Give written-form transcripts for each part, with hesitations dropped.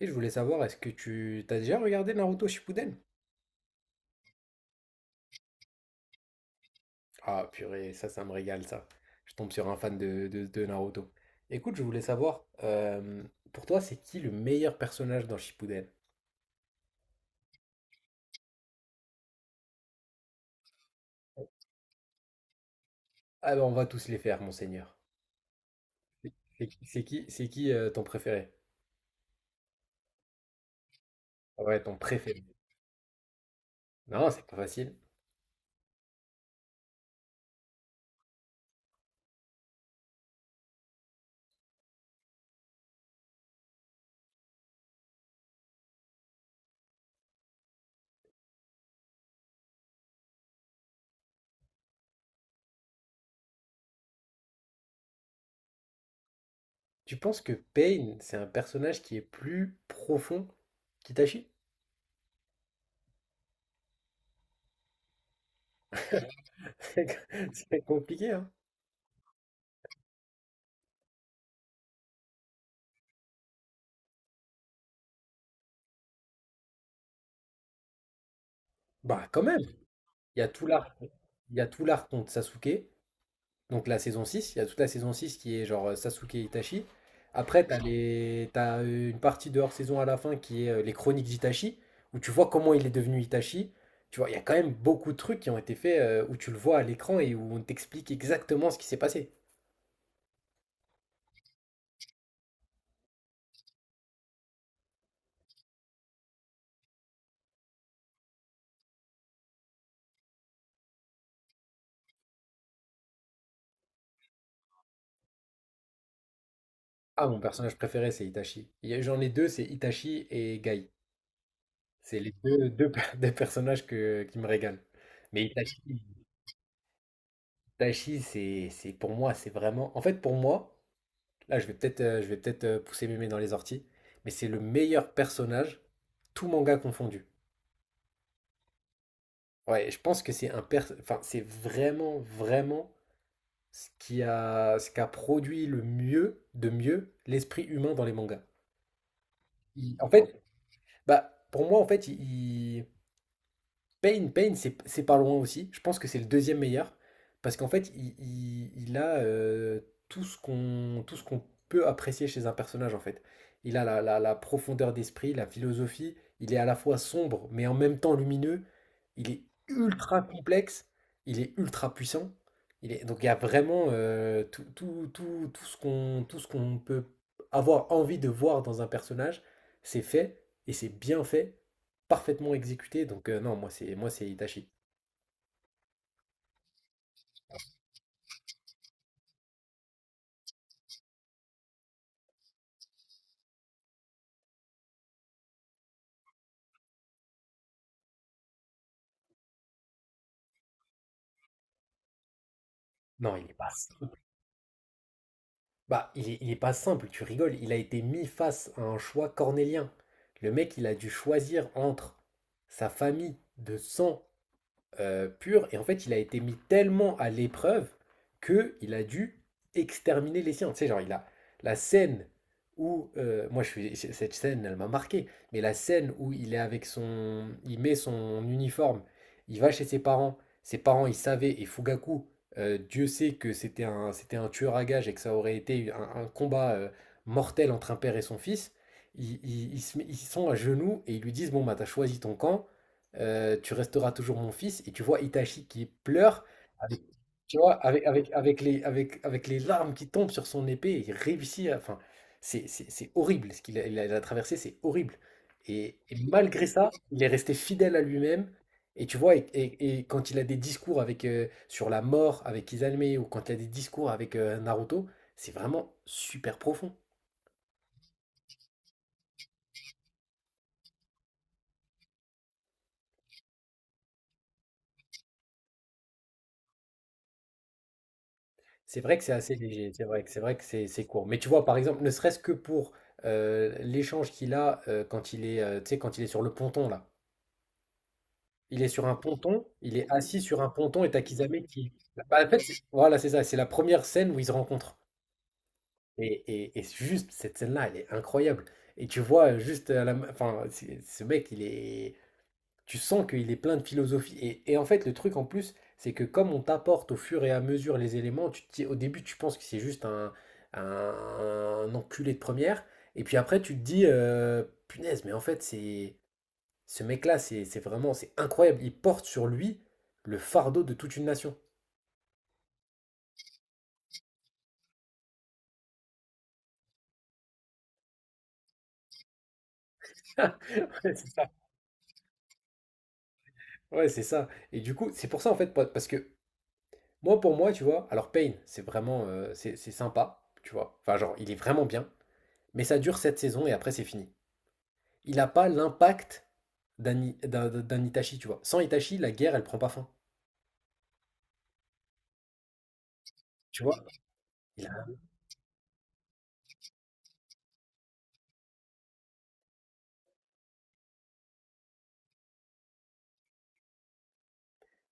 Et je voulais savoir, est-ce que tu t'as déjà regardé Naruto Shippuden? Ah purée, ça me régale ça. Je tombe sur un fan de Naruto. Écoute, je voulais savoir, pour toi, c'est qui le meilleur personnage dans Shippuden? Ah ben, on va tous les faire, monseigneur. C'est qui, ton préféré? Ouais, ton préféré. Non, c'est pas facile. Tu penses que Pain, c'est un personnage qui est plus profond qu'Itachi? C'est c'est compliqué, hein? Bah, quand même, il y a tout l'art, il y a tout l'arc contre Sasuke. Donc la saison 6, il y a toute la saison 6 qui est genre Sasuke Itachi. Après, t'as une partie de hors-saison à la fin qui est les chroniques d'Itachi, où tu vois comment il est devenu Itachi. Tu vois, il y a quand même beaucoup de trucs qui ont été faits où tu le vois à l'écran et où on t'explique exactement ce qui s'est passé. Ah, mon personnage préféré, c'est Itachi. J'en ai deux, c'est Itachi et Gai. C'est les deux personnages qui me régalent. Mais Itachi, Itachi c'est pour moi, c'est vraiment... En fait, pour moi... Là, je vais peut-être pousser mémé dans les orties, mais c'est le meilleur personnage, tout manga confondu. Ouais, je pense que c'est un enfin, c'est vraiment vraiment ce qui a ce qu'a produit le mieux l'esprit humain dans les mangas. Il- en fait, bah pour moi en fait, il, Pain, Pain, c'est pas loin aussi. Je pense que c'est le deuxième meilleur. Parce qu'en fait, il a tout ce qu'on peut apprécier chez un personnage, en fait. Il a la profondeur d'esprit, la philosophie. Il est à la fois sombre, mais en même temps lumineux. Il est ultra complexe. Il est ultra puissant. Il est... Donc il y a vraiment tout, tout, tout, tout ce qu'on peut avoir envie de voir dans un personnage. C'est fait, et c'est bien fait, parfaitement exécuté. Donc non, moi c'est Itachi. Non, il est pas bah il est pas simple, tu rigoles, il a été mis face à un choix cornélien. Le mec, il a dû choisir entre sa famille de sang pur. Et en fait, il a été mis tellement à l'épreuve que il a dû exterminer les siens. Tu sais, genre, il a la scène où, moi, je suis, cette scène, elle m'a marqué, mais la scène où il est avec son, il met son uniforme, il va chez ses parents, ils savaient, et Fugaku, Dieu sait que c'était c'était un tueur à gages et que ça aurait été un combat mortel entre un père et son fils. Ils sont à genoux et ils lui disent, bon, bah, t'as choisi ton camp, tu resteras toujours mon fils, et tu vois Itachi qui pleure avec, tu vois? Avec les larmes qui tombent sur son épée, et il réussit à, enfin, c'est horrible ce qu'il a il a il a traversé, c'est horrible, et malgré ça, il est resté fidèle à lui-même. Et tu vois? Et quand il a des discours avec, sur la mort avec Izanami, ou quand il a des discours avec, Naruto, c'est vraiment super profond. C'est vrai que c'est assez léger, c'est vrai que c'est court. Mais tu vois, par exemple, ne serait-ce que pour l'échange qu'il a quand il est, tu sais, quand il est sur le ponton là. Il est sur un ponton, il est assis sur un ponton et t'as Kisame qui. Bah, en fait, voilà, c'est ça. C'est la première scène où ils se rencontrent. Et c'est juste cette scène-là, elle est incroyable. Et tu vois juste à la, ma- enfin, ce mec, il est, tu sens qu'il est plein de philosophie. Et en fait, le truc en plus, c'est que comme on t'apporte au fur et à mesure les éléments, au début, tu penses que c'est juste un, un enculé de première. Et puis après, tu te dis, punaise, mais en fait, c'est ce mec-là, c'est vraiment, c'est incroyable. Il porte sur lui le fardeau de toute une nation. Ah, ouais, c'est ça. Ouais, c'est ça. Et du coup, c'est pour ça, en fait, parce que moi, pour moi, tu vois, alors Pain, c'est vraiment, c'est sympa, tu vois. Enfin, genre, il est vraiment bien, mais ça dure cette saison et après, c'est fini. Il n'a pas l'impact d'un Itachi, tu vois. Sans Itachi, la guerre, elle prend pas fin. Tu vois,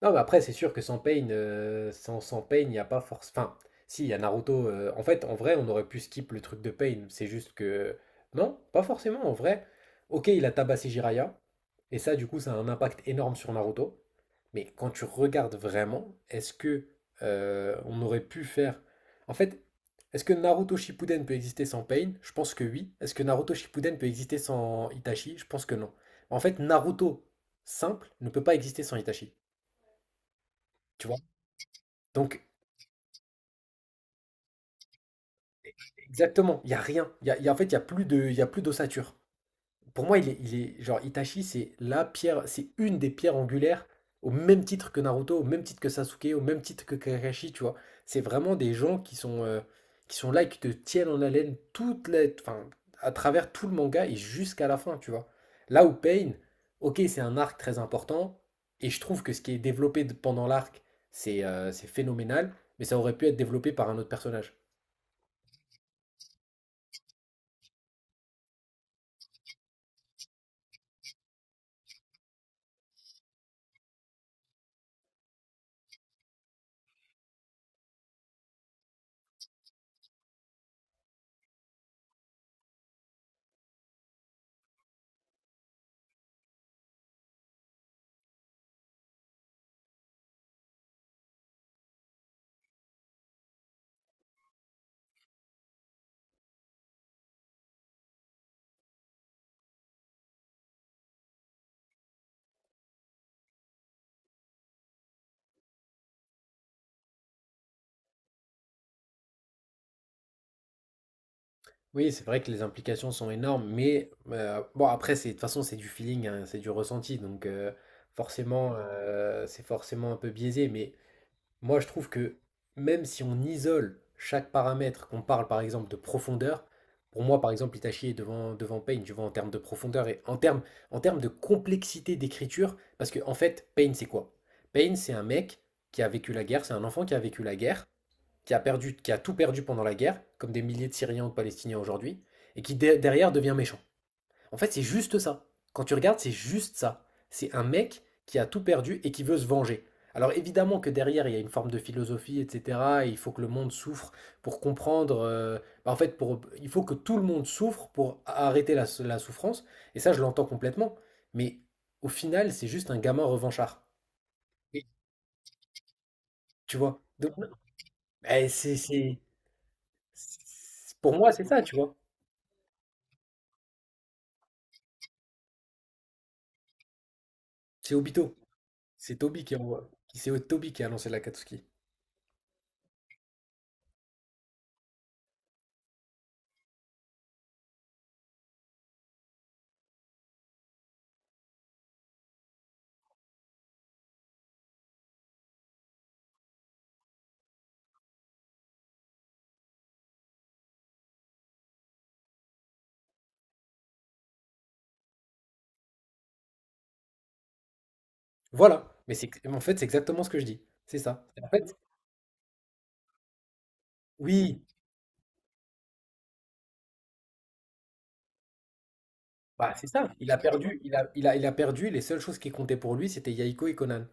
non, mais après, c'est sûr que sans Pain, il n'y a pas force. Enfin, si, il y a Naruto. En fait, en vrai, on aurait pu skip le truc de Pain. C'est juste que. Non, pas forcément, en vrai. Ok, il a tabassé Jiraiya. Et ça, du coup, ça a un impact énorme sur Naruto. Mais quand tu regardes vraiment, est-ce que on aurait pu faire. En fait, est-ce que Naruto Shippuden peut exister sans Pain? Je pense que oui. Est-ce que Naruto Shippuden peut exister sans Itachi? Je pense que non. En fait, Naruto simple ne peut pas exister sans Itachi. Tu vois, donc exactement, il y a rien. Il y a, en fait, il y a plus d'ossature. Pour moi, il est genre Itachi, c'est la pierre c'est une des pierres angulaires au même titre que Naruto, au même titre que Sasuke, au même titre que Kakashi, tu vois? C'est vraiment des gens qui sont là et qui te tiennent en haleine toute la, enfin, à travers tout le manga et jusqu'à la fin, tu vois? Là où Pain, OK, c'est un arc très important, et je trouve que ce qui est développé d pendant l'arc, c'est phénoménal, mais ça aurait pu être développé par un autre personnage. Oui, c'est vrai que les implications sont énormes, mais bon, après, c'est, de toute façon, c'est du feeling, hein, c'est du ressenti, donc forcément, c'est forcément un peu biaisé. Mais moi, je trouve que même si on isole chaque paramètre, qu'on parle par exemple de profondeur, pour moi, par exemple, Itachi est devant Pain, tu vois, en termes de profondeur et en en termes de complexité d'écriture, parce que en fait, Pain c'est quoi? Pain c'est un mec qui a vécu la guerre, c'est un enfant qui a vécu la guerre, qui a tout perdu pendant la guerre, comme des milliers de Syriens ou de Palestiniens aujourd'hui, et qui derrière devient méchant. En fait, c'est juste ça. Quand tu regardes, c'est juste ça. C'est un mec qui a tout perdu et qui veut se venger. Alors évidemment que derrière, il y a une forme de philosophie, etc. et il faut que le monde souffre pour comprendre. Bah, en fait, il faut que tout le monde souffre pour arrêter la souffrance. Et ça, je l'entends complètement. Mais au final, c'est juste un gamin revanchard. Oui. Tu vois? Donc, eh, c'est, c'est- pour moi, c'est ça, tu vois. C'est Obito. C'est Toby qui envoie. C'est Toby qui a lancé l'Akatsuki. Voilà. Mais c'est en fait, c'est exactement ce que je dis. C'est ça. En fait, oui, bah, c'est ça. Il a perdu. Il a perdu. Et les seules choses qui comptaient pour lui, c'était Yahiko et Conan.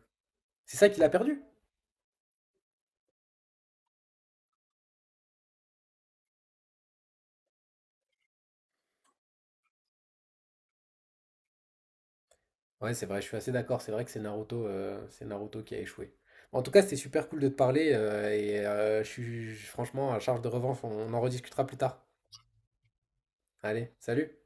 C'est ça qu'il a perdu. Ouais, c'est vrai, je suis assez d'accord. C'est vrai que c'est Naruto qui a échoué. En tout cas, c'était super cool de te parler. Franchement à charge de revanche. On en rediscutera plus tard. Allez, salut.